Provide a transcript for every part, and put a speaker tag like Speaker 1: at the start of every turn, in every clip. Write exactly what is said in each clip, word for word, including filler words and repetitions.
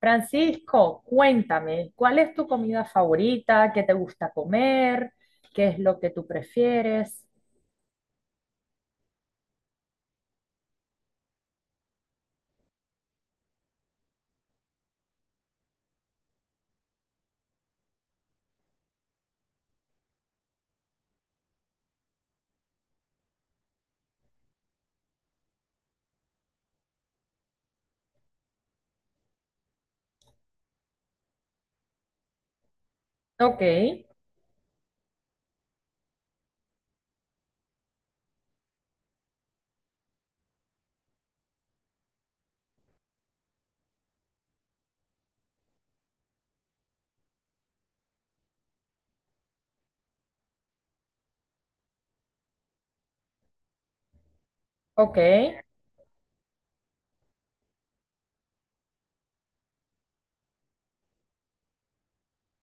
Speaker 1: Francisco, cuéntame, ¿cuál es tu comida favorita? ¿Qué te gusta comer? ¿Qué es lo que tú prefieres? Ok, ok,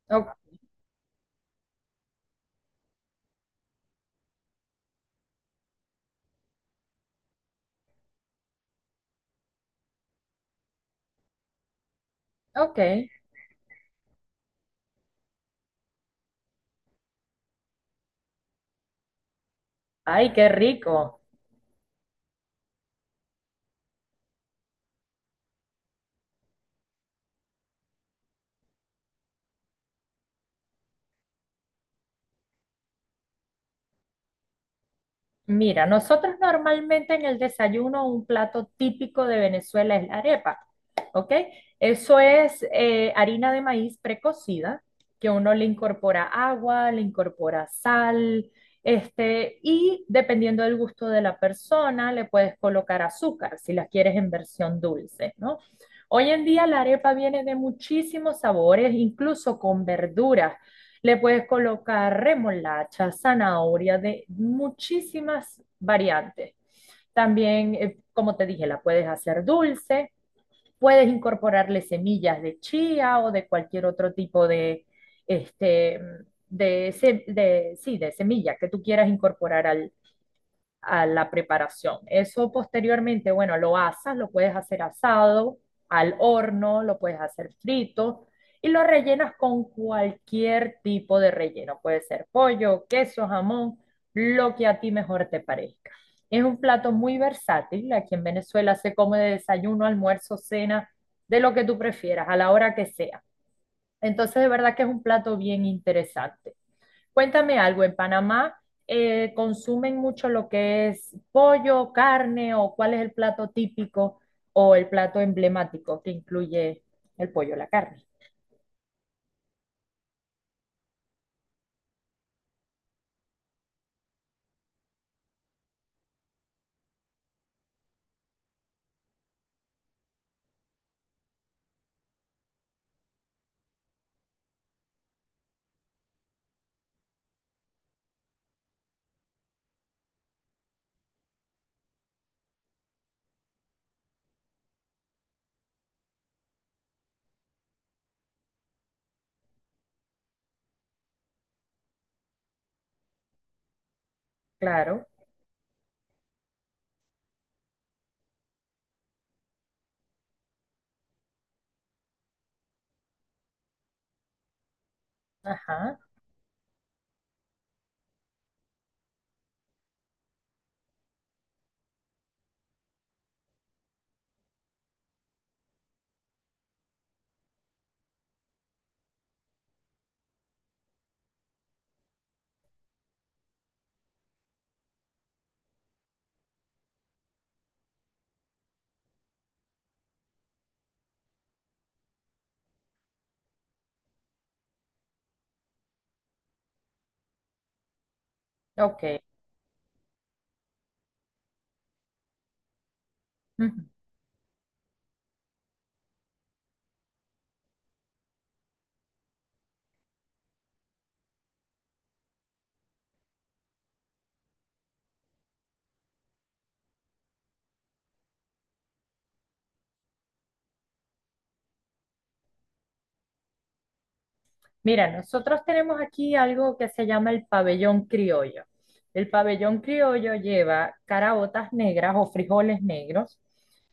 Speaker 1: o- ok. Ay, qué rico. Mira, nosotros normalmente en el desayuno un plato típico de Venezuela es la arepa, ¿ok? Eso es eh, harina de maíz precocida, que uno le incorpora agua, le incorpora sal, este, y dependiendo del gusto de la persona, le puedes colocar azúcar si la quieres en versión dulce, ¿no? Hoy en día la arepa viene de muchísimos sabores, incluso con verduras. Le puedes colocar remolacha, zanahoria, de muchísimas variantes. También, eh, como te dije, la puedes hacer dulce, puedes incorporarle semillas de chía o de cualquier otro tipo de, este, de, se- de- sí, de semilla que tú quieras incorporar al a la preparación. Eso posteriormente, bueno, lo asas, lo puedes hacer asado, al horno, lo puedes hacer frito y lo rellenas con cualquier tipo de relleno. Puede ser pollo, queso, jamón, lo que a ti mejor te parezca. Es un plato muy versátil. Aquí en Venezuela se come de desayuno, almuerzo, cena, de lo que tú prefieras, a la hora que sea. Entonces, de verdad que es un plato bien interesante. Cuéntame algo, ¿en Panamá eh, consumen mucho lo que es pollo, carne, o cuál es el plato típico o el plato emblemático que incluye el pollo, la carne? Claro, ajá, ok. Ujú. Mira, nosotros tenemos aquí algo que se llama el pabellón criollo. El pabellón criollo lleva caraotas negras o frijoles negros,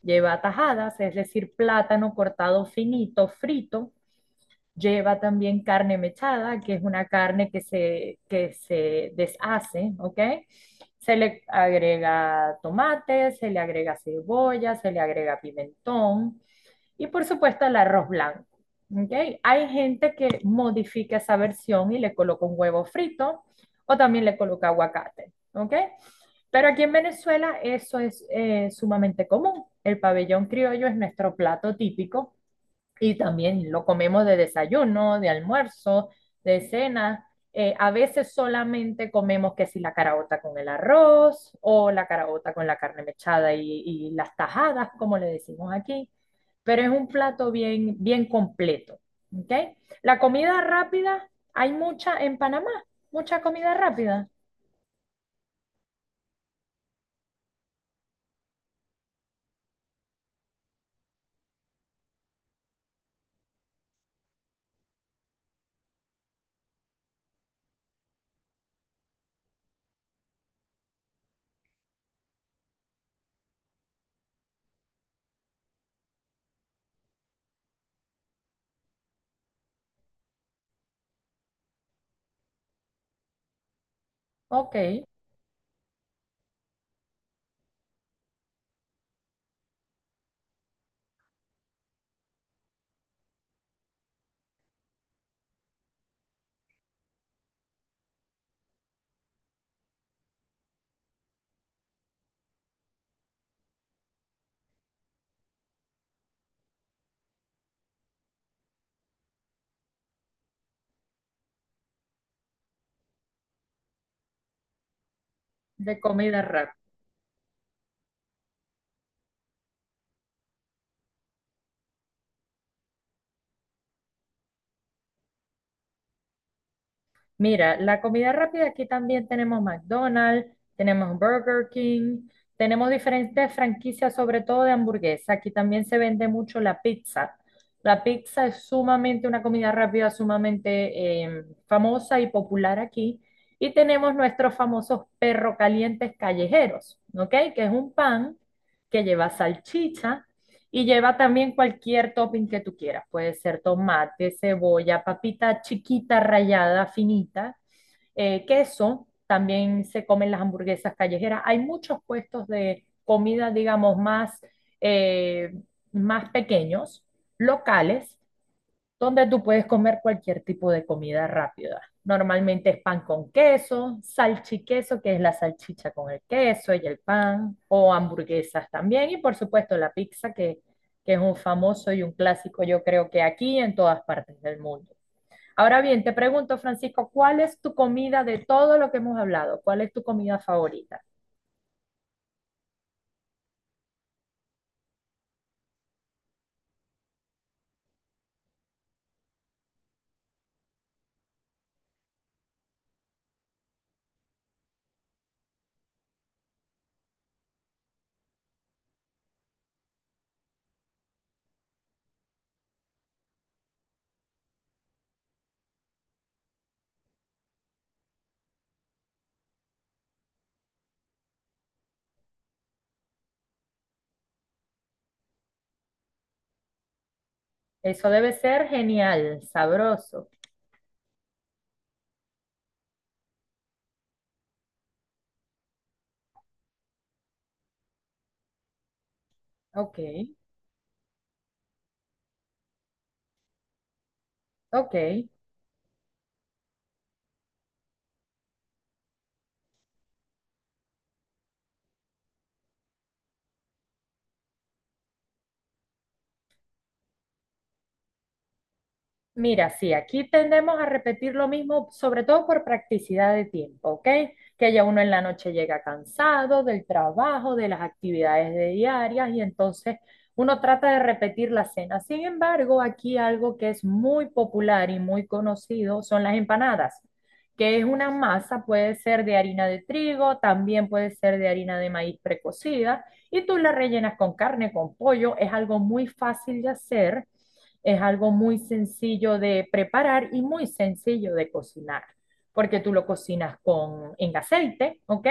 Speaker 1: lleva tajadas, es decir, plátano cortado finito, frito. Lleva también carne mechada, que es una carne que se, que se deshace, ¿ok? Se le agrega tomate, se le agrega cebolla, se le agrega pimentón y por supuesto el arroz blanco, ¿ok? Hay gente que modifica esa versión y le coloca un huevo frito o también le coloca aguacate, ¿ok? Pero aquí en Venezuela eso es eh, sumamente común. El pabellón criollo es nuestro plato típico y también lo comemos de desayuno, de almuerzo, de cena. Eh, a veces solamente comemos que si la caraota con el arroz o la caraota con la carne mechada y, y las tajadas, como le decimos aquí. Pero es un plato bien, bien completo. ¿Ok? La comida rápida, hay mucha en Panamá, mucha comida rápida. Ok, de comida rápida. Mira, la comida rápida aquí también tenemos McDonald's, tenemos Burger King, tenemos diferentes franquicias, sobre todo de hamburguesa. Aquí también se vende mucho la pizza. La pizza es sumamente una comida rápida, sumamente eh, famosa y popular aquí. Y tenemos nuestros famosos perro calientes callejeros, ¿ok? Que es un pan que lleva salchicha y lleva también cualquier topping que tú quieras. Puede ser tomate, cebolla, papita chiquita, rallada, finita, eh, queso. También se comen las hamburguesas callejeras. Hay muchos puestos de comida, digamos, más, eh, más pequeños, locales, donde tú puedes comer cualquier tipo de comida rápida. Normalmente es pan con queso, salchiqueso, que es la salchicha con el queso y el pan, o hamburguesas también, y por supuesto la pizza, que, que es un famoso y un clásico, yo creo que aquí y en todas partes del mundo. Ahora bien, te pregunto, Francisco, ¿cuál es tu comida de todo lo que hemos hablado? ¿Cuál es tu comida favorita? Eso debe ser genial, sabroso. Ok, ok. Mira, sí, aquí tendemos a repetir lo mismo, sobre todo por practicidad de tiempo, ¿ok? Que ya uno en la noche llega cansado del trabajo, de las actividades de diarias y entonces uno trata de repetir la cena. Sin embargo, aquí algo que es muy popular y muy conocido son las empanadas, que es una masa, puede ser de harina de trigo, también puede ser de harina de maíz precocida y tú la rellenas con carne, con pollo, es algo muy fácil de hacer, es algo muy sencillo de preparar y muy sencillo de cocinar, porque tú lo cocinas con, en aceite, ¿ok?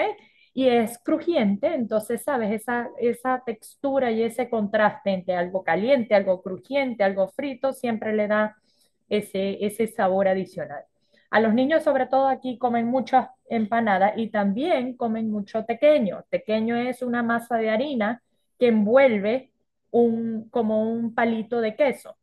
Speaker 1: Y es crujiente, entonces, ¿sabes? Esa, esa textura y ese contraste entre algo caliente, algo crujiente, algo frito, siempre le da ese, ese sabor adicional. A los niños, sobre todo aquí, comen muchas empanadas y también comen mucho tequeño. Tequeño es una masa de harina que envuelve un, como un palito de queso.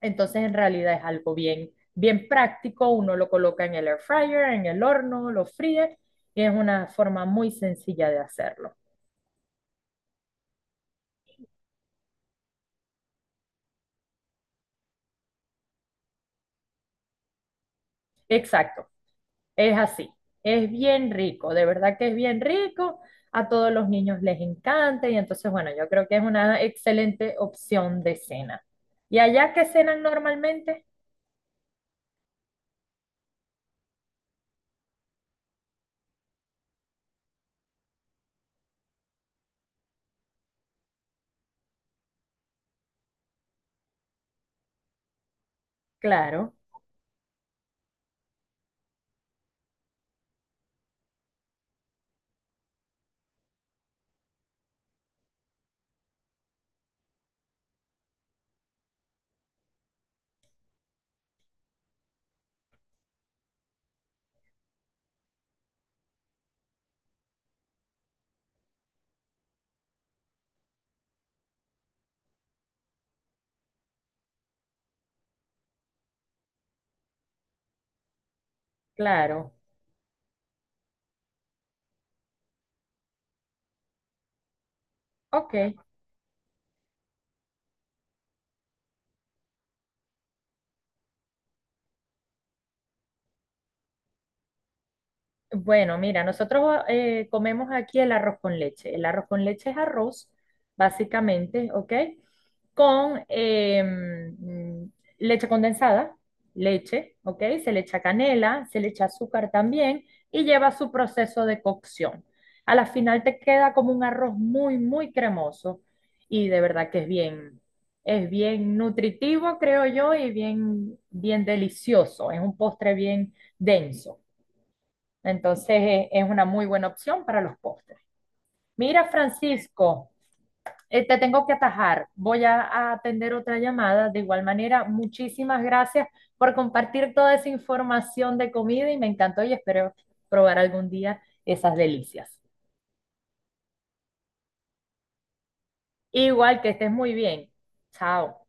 Speaker 1: Entonces, en realidad es algo bien, bien práctico. Uno lo coloca en el air fryer, en el horno, lo fríe y es una forma muy sencilla de hacerlo. Exacto, es así. Es bien rico, de verdad que es bien rico. A todos los niños les encanta y entonces, bueno, yo creo que es una excelente opción de cena. ¿Y allá qué cenan normalmente? Claro, claro. Ok. Bueno, mira, nosotros eh, comemos aquí el arroz con leche. El arroz con leche es arroz, básicamente, ¿ok? Con eh, mm, leche condensada, leche, ¿ok? Se le echa canela, se le echa azúcar también y lleva su proceso de cocción. A la final te queda como un arroz muy, muy cremoso y de verdad que es bien, es bien nutritivo, creo yo, y bien, bien delicioso. Es un postre bien denso. Entonces eh, es una muy buena opción para los postres. Mira, Francisco, eh, te tengo que atajar. Voy a, a atender otra llamada. De igual manera, muchísimas gracias por compartir toda esa información de comida y me encantó y espero probar algún día esas delicias. Igual que estés muy bien. Chao.